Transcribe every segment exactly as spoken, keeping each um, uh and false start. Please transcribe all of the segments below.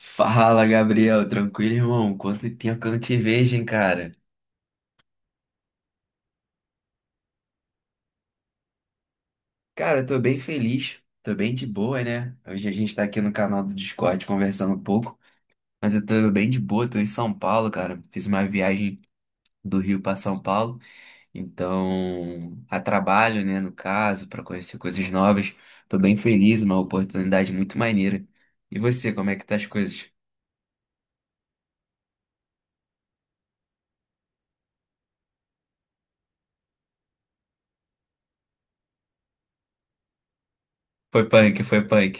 Fala, Gabriel. Tranquilo, irmão? Quanto tempo que eu não te vejo, hein, cara? Cara, eu tô bem feliz. Tô bem de boa, né? Hoje a gente tá aqui no canal do Discord conversando um pouco. Mas eu tô bem de boa. Tô em São Paulo, cara. Fiz uma viagem do Rio pra São Paulo. Então, a trabalho, né, no caso, pra conhecer coisas novas. Tô bem feliz, uma oportunidade muito maneira. E você, como é que tá as coisas? Foi punk, foi punk.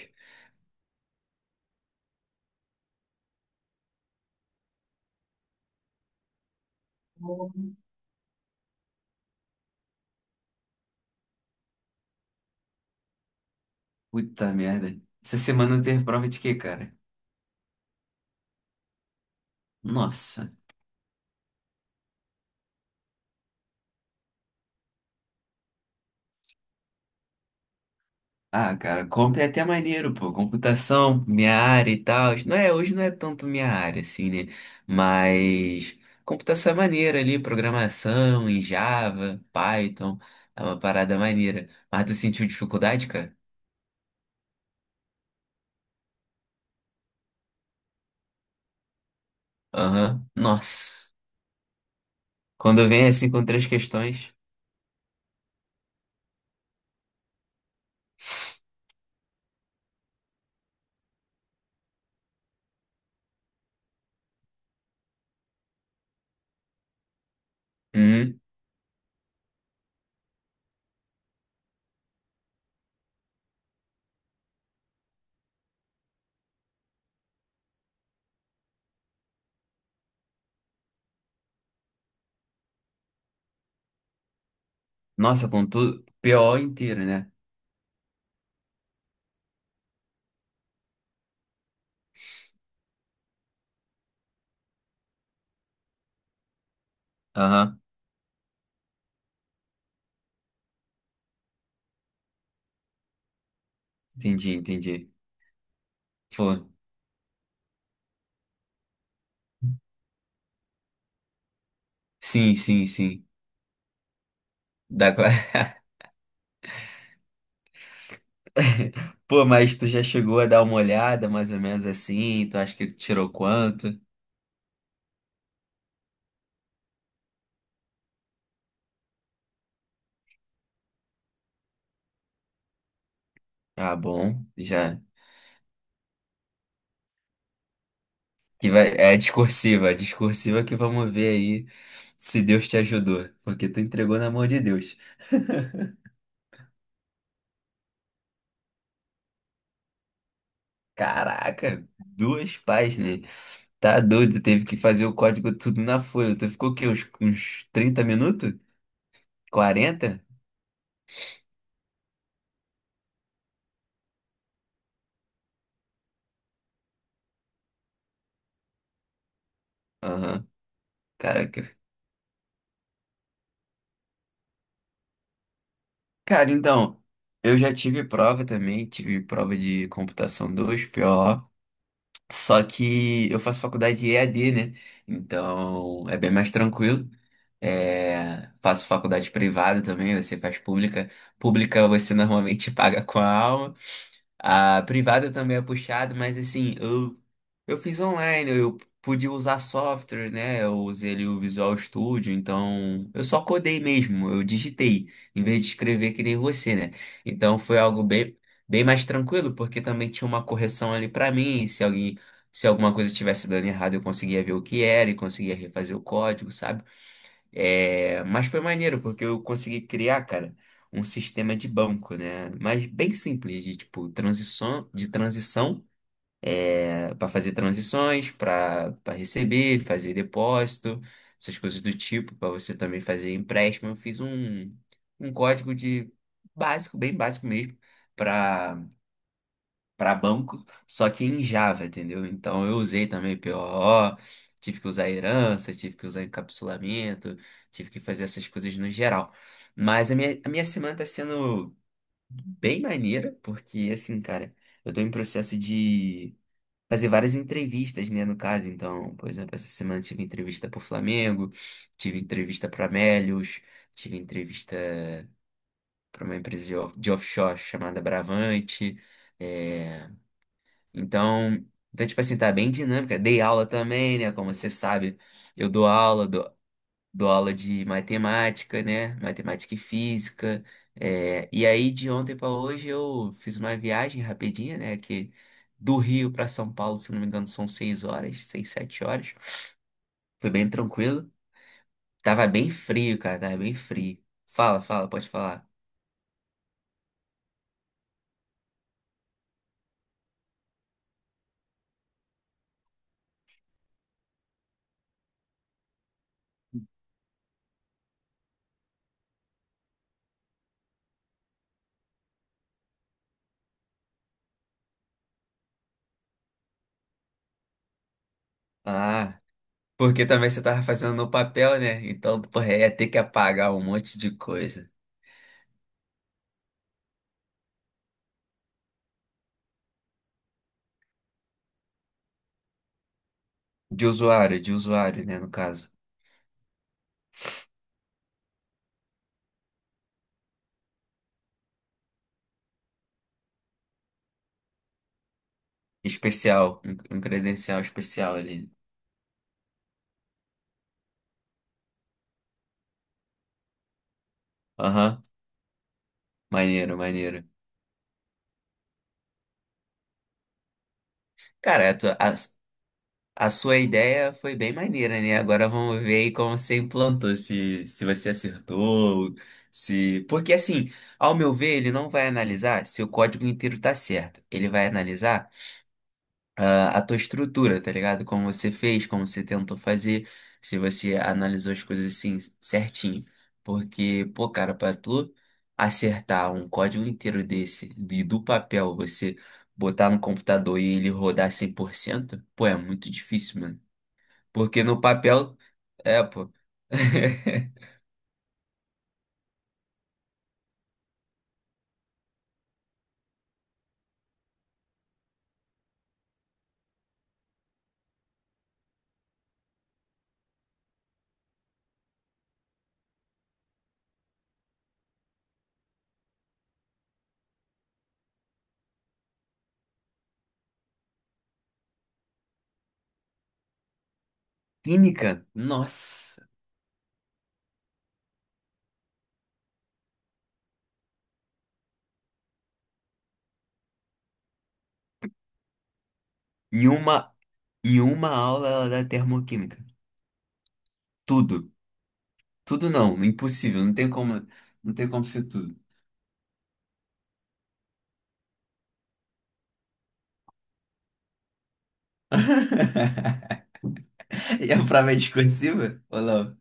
Puta merda. Essa semana eu teve prova de quê, cara? Nossa. Ah, cara, comp é até maneiro, pô. Computação, minha área e tal. Não é, hoje não é tanto minha área, assim, né? Mas computação é maneira ali, programação em Java, Python, é uma parada maneira. Mas tu sentiu dificuldade, cara? Aham. Nossa. Quando vem assim com três questões. Uhum. Nossa, com tudo. P O inteiro, né? Aham. Entendi, entendi. Pô, sim, sim, sim. Dá, cla- Pô, mas tu já chegou a dar uma olhada, mais ou menos assim? Tu acha que tirou quanto? Ah, bom, já. Que vai... É discursiva, é discursiva que vamos ver aí se Deus te ajudou. Porque tu entregou na mão de Deus. Caraca, duas páginas. Tá doido, teve que fazer o código tudo na folha. Tu ficou o quê? Uns, uns trinta minutos? Quarenta? Aham. Caraca. Cara, então, eu já tive prova também, tive prova de computação dois, P O. Só que eu faço faculdade de E A D, né? Então é bem mais tranquilo. É, faço faculdade privada também, você faz pública. Pública você normalmente paga com a alma. A privada também é puxada, mas assim, eu, eu fiz online, eu pude usar software, né? Eu usei ali o Visual Studio, então eu só codei mesmo, eu digitei, em vez de escrever que nem você, né? Então foi algo bem, bem mais tranquilo, porque também tinha uma correção ali pra mim, se alguém, se alguma coisa estivesse dando errado, eu conseguia ver o que era e conseguia refazer o código, sabe? É, mas foi maneiro, porque eu consegui criar, cara, um sistema de banco, né? Mas bem simples, de tipo, transição, de transição, é, para fazer transições, para para receber, fazer depósito, essas coisas do tipo, para você também fazer empréstimo. Eu fiz um, um código de básico, bem básico mesmo, para banco, só que em Java, entendeu? Então eu usei também P O O, tive que usar herança, tive que usar encapsulamento, tive que fazer essas coisas no geral. Mas a minha, a minha semana tá sendo bem maneira, porque assim, cara, eu tô em processo de fazer várias entrevistas, né, no caso. Então, por exemplo, essa semana eu tive entrevista pro Flamengo, tive entrevista para Amélios, tive entrevista para uma empresa de, off- de offshore chamada Bravante. eh, então, então, tipo assim, tá bem dinâmica. Dei aula também, né? Como você sabe, eu dou aula, dou, dou aula de matemática, né? Matemática e física. É, e aí, de ontem pra hoje, eu fiz uma viagem rapidinha, né? Que do Rio pra São Paulo, se não me engano, são seis horas, seis, sete horas. Foi bem tranquilo. Tava bem frio, cara, tava bem frio. Fala, fala, pode falar. Ah, porque também você tava fazendo no papel, né? Então, porra, ia ter que apagar um monte de coisa. De usuário, de usuário, né, no caso. Especial, um um credencial especial ali. Aham. Maneiro, maneiro. Cara, a, tua- a, a sua ideia foi bem maneira, né? Agora vamos ver aí como você implantou, se, se você acertou, se... Porque assim, ao meu ver, ele não vai analisar se o código inteiro tá certo. Ele vai analisar ah, a tua estrutura, tá ligado? Como você fez, como você tentou fazer, se você analisou as coisas assim certinho. Porque, pô, cara, pra tu acertar um código inteiro desse, de, do papel, você botar no computador e ele rodar cem por cento pô, é muito difícil, mano. Porque no papel, é, pô. Química, nossa. Em uma, em uma aula ela dá termoquímica. Tudo. Tudo não, impossível, não tem como, não tem como ser tudo. E a prova é discursiva? Ou não?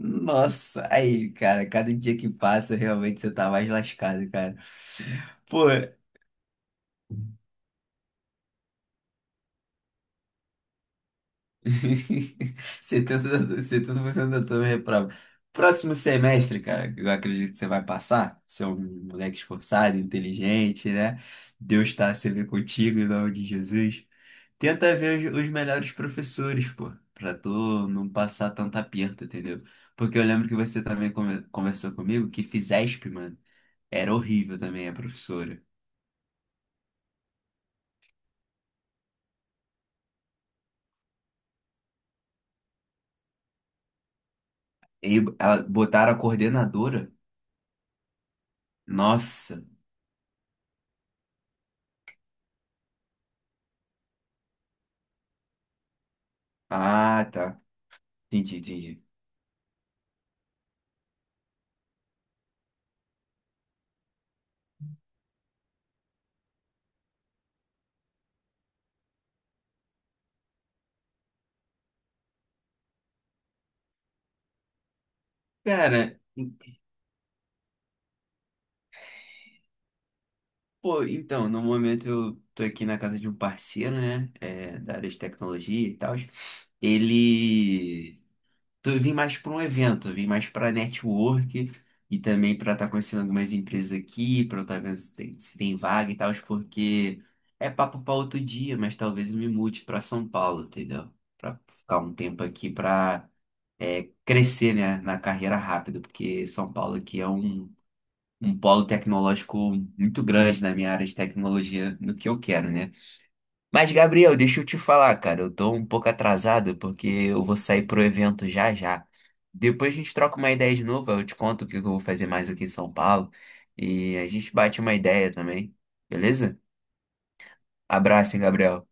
Nossa, aí, cara, cada dia que passa, realmente você tá mais lascado, cara. Pô, setenta da- setenta por cento da turma reprova. Próximo semestre, cara, eu acredito que você vai passar. Você é um moleque esforçado, inteligente, né? Deus está sempre contigo em nome de Jesus. Tenta ver os, os melhores professores, pô, pra tu não passar tanto aperto, entendeu? Porque eu lembro que você também come- conversou comigo que Fisesp, mano, era horrível também a professora. E ela botaram a coordenadora. Nossa. Ah, tá. Entendi, entendi. Cara, en- pô, então, no momento eu tô aqui na casa de um parceiro, né? É, da área de tecnologia e tal. Ele. Tô, eu vim mais pra um evento, eu vim mais pra network e também pra estar conhecendo algumas empresas aqui, pra eu estar vendo se tem, se tem vaga e tal, porque é papo pra outro dia, mas talvez eu me mude pra São Paulo, entendeu? Pra ficar um tempo aqui pra é, crescer, né, na carreira rápido, porque São Paulo aqui é um. Um polo tecnológico muito grande na minha área de tecnologia, no que eu quero, né? Mas, Gabriel, deixa eu te falar, cara, eu tô um pouco atrasado porque eu vou sair pro evento já já. Depois a gente troca uma ideia de novo, eu te conto o que eu vou fazer mais aqui em São Paulo e a gente bate uma ideia também, beleza? Abraço, hein, Gabriel.